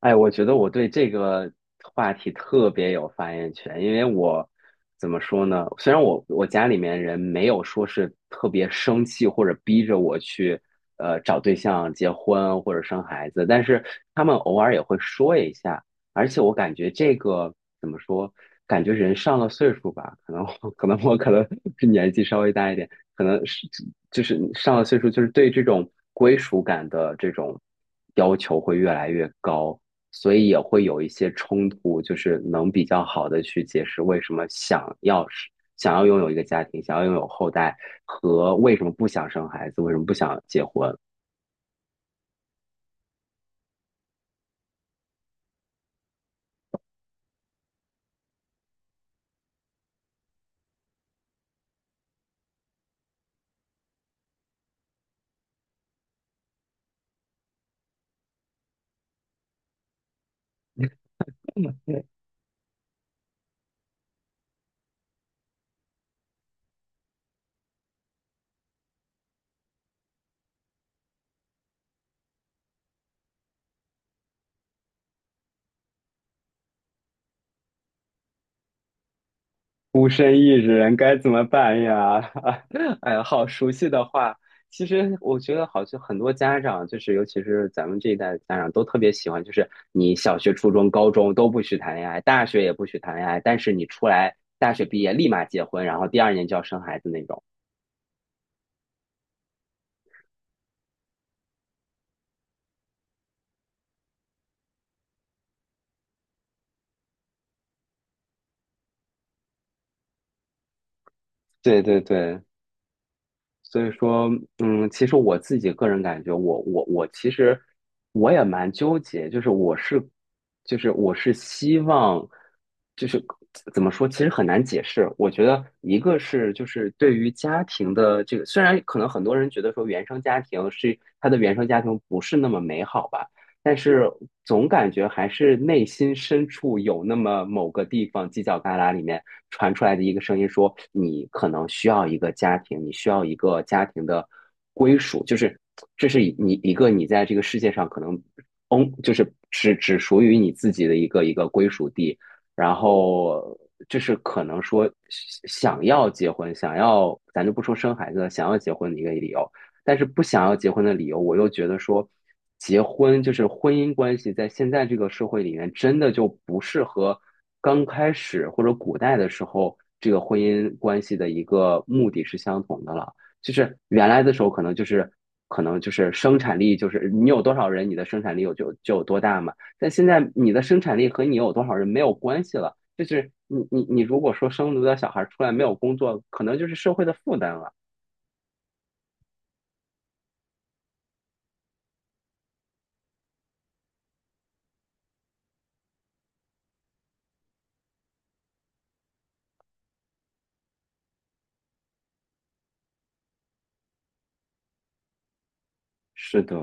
哎，我觉得我对这个话题特别有发言权，因为我怎么说呢？虽然我家里面人没有说是特别生气或者逼着我去找对象、结婚或者生孩子，但是他们偶尔也会说一下，而且我感觉这个怎么说？感觉人上了岁数吧，可能我 可能是年纪稍微大一点，可能是就是上了岁数，就是对这种归属感的这种要求会越来越高。所以也会有一些冲突，就是能比较好的去解释为什么想要拥有一个家庭，想要拥有后代，和为什么不想生孩子，为什么不想结婚。孤身一人该怎么办呀？哎呀，好熟悉的话。其实我觉得好像很多家长，就是尤其是咱们这一代的家长，都特别喜欢，就是你小学、初中、高中都不许谈恋爱，大学也不许谈恋爱，但是你出来大学毕业立马结婚，然后第二年就要生孩子那种。对对对，所以说，嗯，其实我自己个人感觉我其实我也蛮纠结，就是我是希望，就是怎么说，其实很难解释。我觉得一个是就是对于家庭的这个，虽然可能很多人觉得说原生家庭不是那么美好吧。但是总感觉还是内心深处有那么某个地方犄角旮旯里面传出来的一个声音说，你可能需要一个家庭，你需要一个家庭的归属，就是这是你一个你在这个世界上可能，嗯，就是只属于你自己的一个归属地，然后这是可能说想要结婚，想要咱就不说生孩子想要结婚的一个理由。但是不想要结婚的理由，我又觉得说，结婚就是婚姻关系，在现在这个社会里面，真的就不是和刚开始或者古代的时候这个婚姻关系的一个目的是相同的了。就是原来的时候，可能就是生产力，就是你有多少人，你的生产力就有多大嘛。但现在你的生产力和你有多少人没有关系了，就是你如果说生了个小孩出来没有工作，可能就是社会的负担了。是的，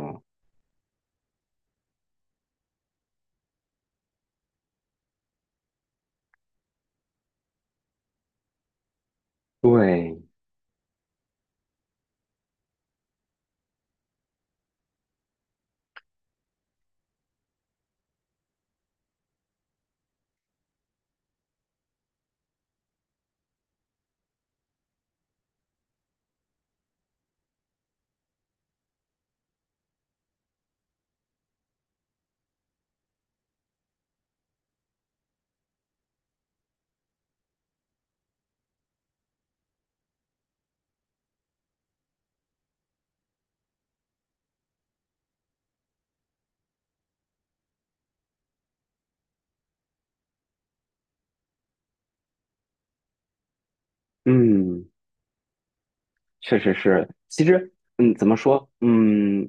对。嗯，确实是。其实，嗯，怎么说？嗯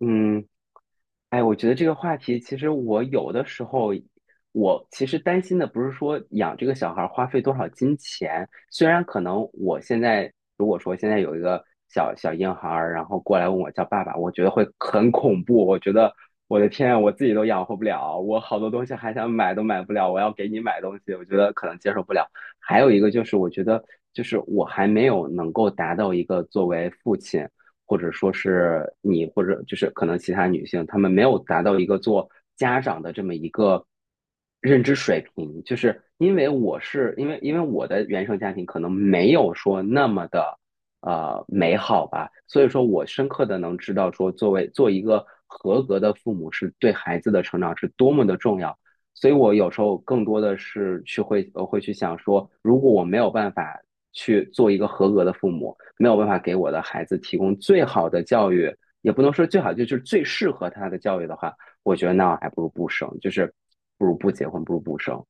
嗯，哎，我觉得这个话题，其实我有的时候，我其实担心的不是说养这个小孩儿花费多少金钱，虽然可能我现在如果说现在有一个小小婴孩儿，然后过来问我叫爸爸，我觉得会很恐怖，我觉得我的天啊，我自己都养活不了，我好多东西还想买都买不了，我要给你买东西，我觉得可能接受不了。还有一个就是，我觉得就是我还没有能够达到一个作为父亲。或者说是你，或者就是可能其他女性，她们没有达到一个做家长的这么一个认知水平，就是因为我的原生家庭可能没有说那么的美好吧，所以说我深刻的能知道说，作为做一个合格的父母是对孩子的成长是多么的重要。所以我有时候更多的是去会去想说，如果我没有办法去做一个合格的父母，没有办法给我的孩子提供最好的教育，也不能说最好，就是最适合他的教育的话，我觉得那我还不如不生，就是不如不结婚，不如不生。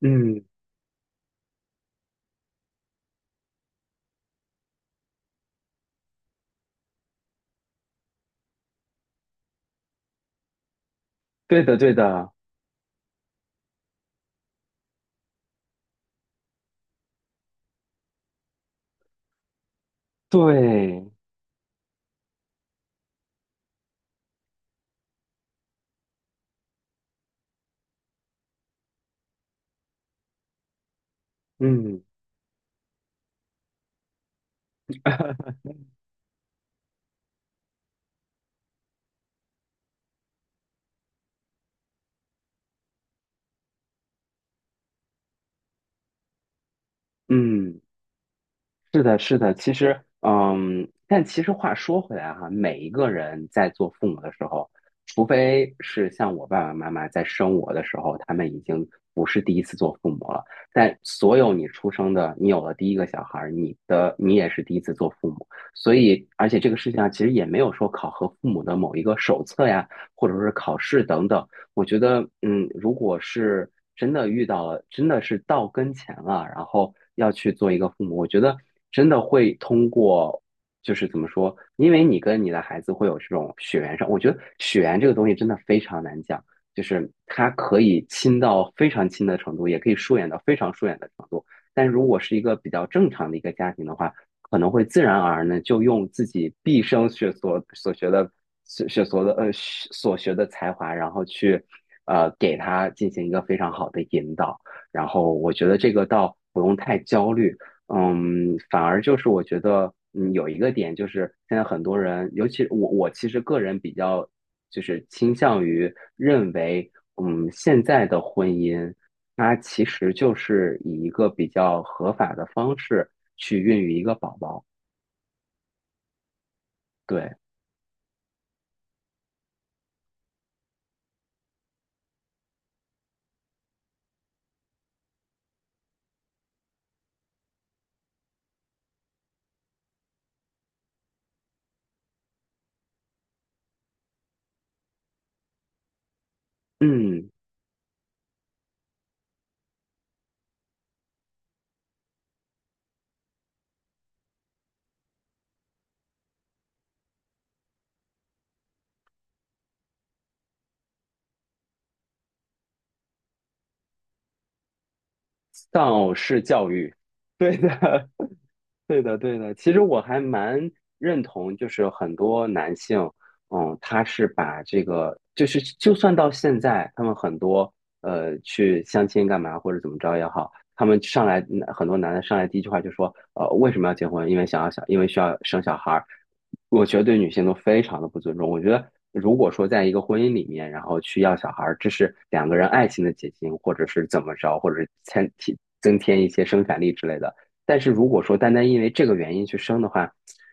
嗯，对的，对的，对，嗯。嗯。是的，是的，其实，嗯，但其实话说回来哈，每一个人在做父母的时候，除非是像我爸爸妈妈在生我的时候，他们已经不是第一次做父母了，但所有你出生的，你有了第一个小孩儿，你也是第一次做父母，所以，而且这个事情上其实也没有说考核父母的某一个手册呀，或者是考试等等，我觉得，嗯，如果是真的遇到了，真的是到跟前了，然后要去做一个父母，我觉得真的会通过，就是怎么说，因为你跟你的孩子会有这种血缘上，我觉得血缘这个东西真的非常难讲，就是它可以亲到非常亲的程度，也可以疏远到非常疏远的程度。但如果是一个比较正常的一个家庭的话，可能会自然而然的就用自己毕生学所所学的所学所的呃所学的才华，然后去给他进行一个非常好的引导。然后我觉得这个倒不用太焦虑，嗯，反而就是我觉得有一个点就是现在很多人，尤其我其实个人比较就是倾向于认为，现在的婚姻。它其实就是以一个比较合法的方式去孕育一个宝宝。对，嗯，丧偶式教育，对的，对的，对的。其实我还蛮认同，就是很多男性，嗯，他是把这个，就是就算到现在，他们很多去相亲干嘛或者怎么着也好，他们上来很多男的上来第一句话就说，呃，为什么要结婚？因为想要小，因为需要生小孩儿。我觉得对女性都非常的不尊重。我觉得如果说在一个婚姻里面，然后去要小孩儿，这是两个人爱情的结晶，或者是怎么着，或者是增添一些生产力之类的。但是如果说单单因为这个原因去生的话，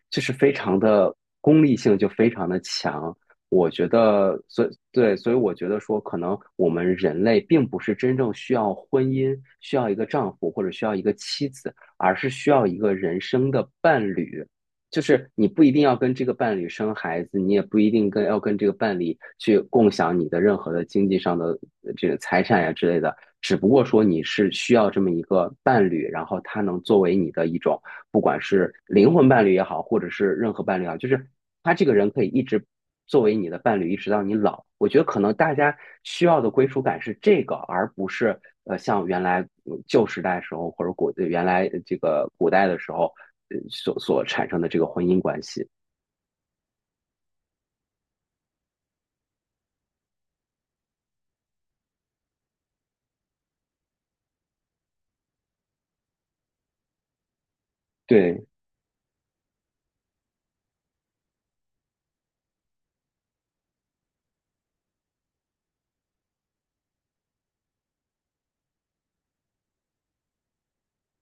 就是非常的功利性非常的强。我觉得，所以对，所以我觉得说，可能我们人类并不是真正需要婚姻，需要一个丈夫或者需要一个妻子，而是需要一个人生的伴侣。就是你不一定要跟这个伴侣生孩子，你也不一定要跟这个伴侣去共享你的任何的经济上的这个财产呀之类的，只不过说你是需要这么一个伴侣，然后他能作为你的一种，不管是灵魂伴侣也好，或者是任何伴侣也好，就是他这个人可以一直作为你的伴侣一直到你老。我觉得可能大家需要的归属感是这个，而不是像原来旧时代的时候或者古呃原来呃这个古代的时候所产生的这个婚姻关系。对，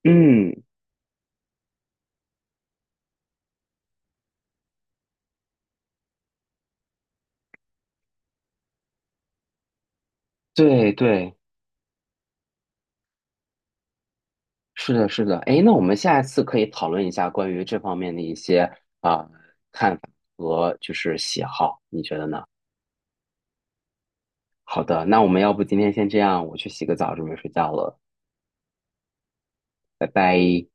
嗯，对对，是的，是的。哎，那我们下一次可以讨论一下关于这方面的一些啊、呃看法和就是喜好，你觉得呢？好的，那我们要不今天先这样，我去洗个澡，准备睡觉了，拜拜。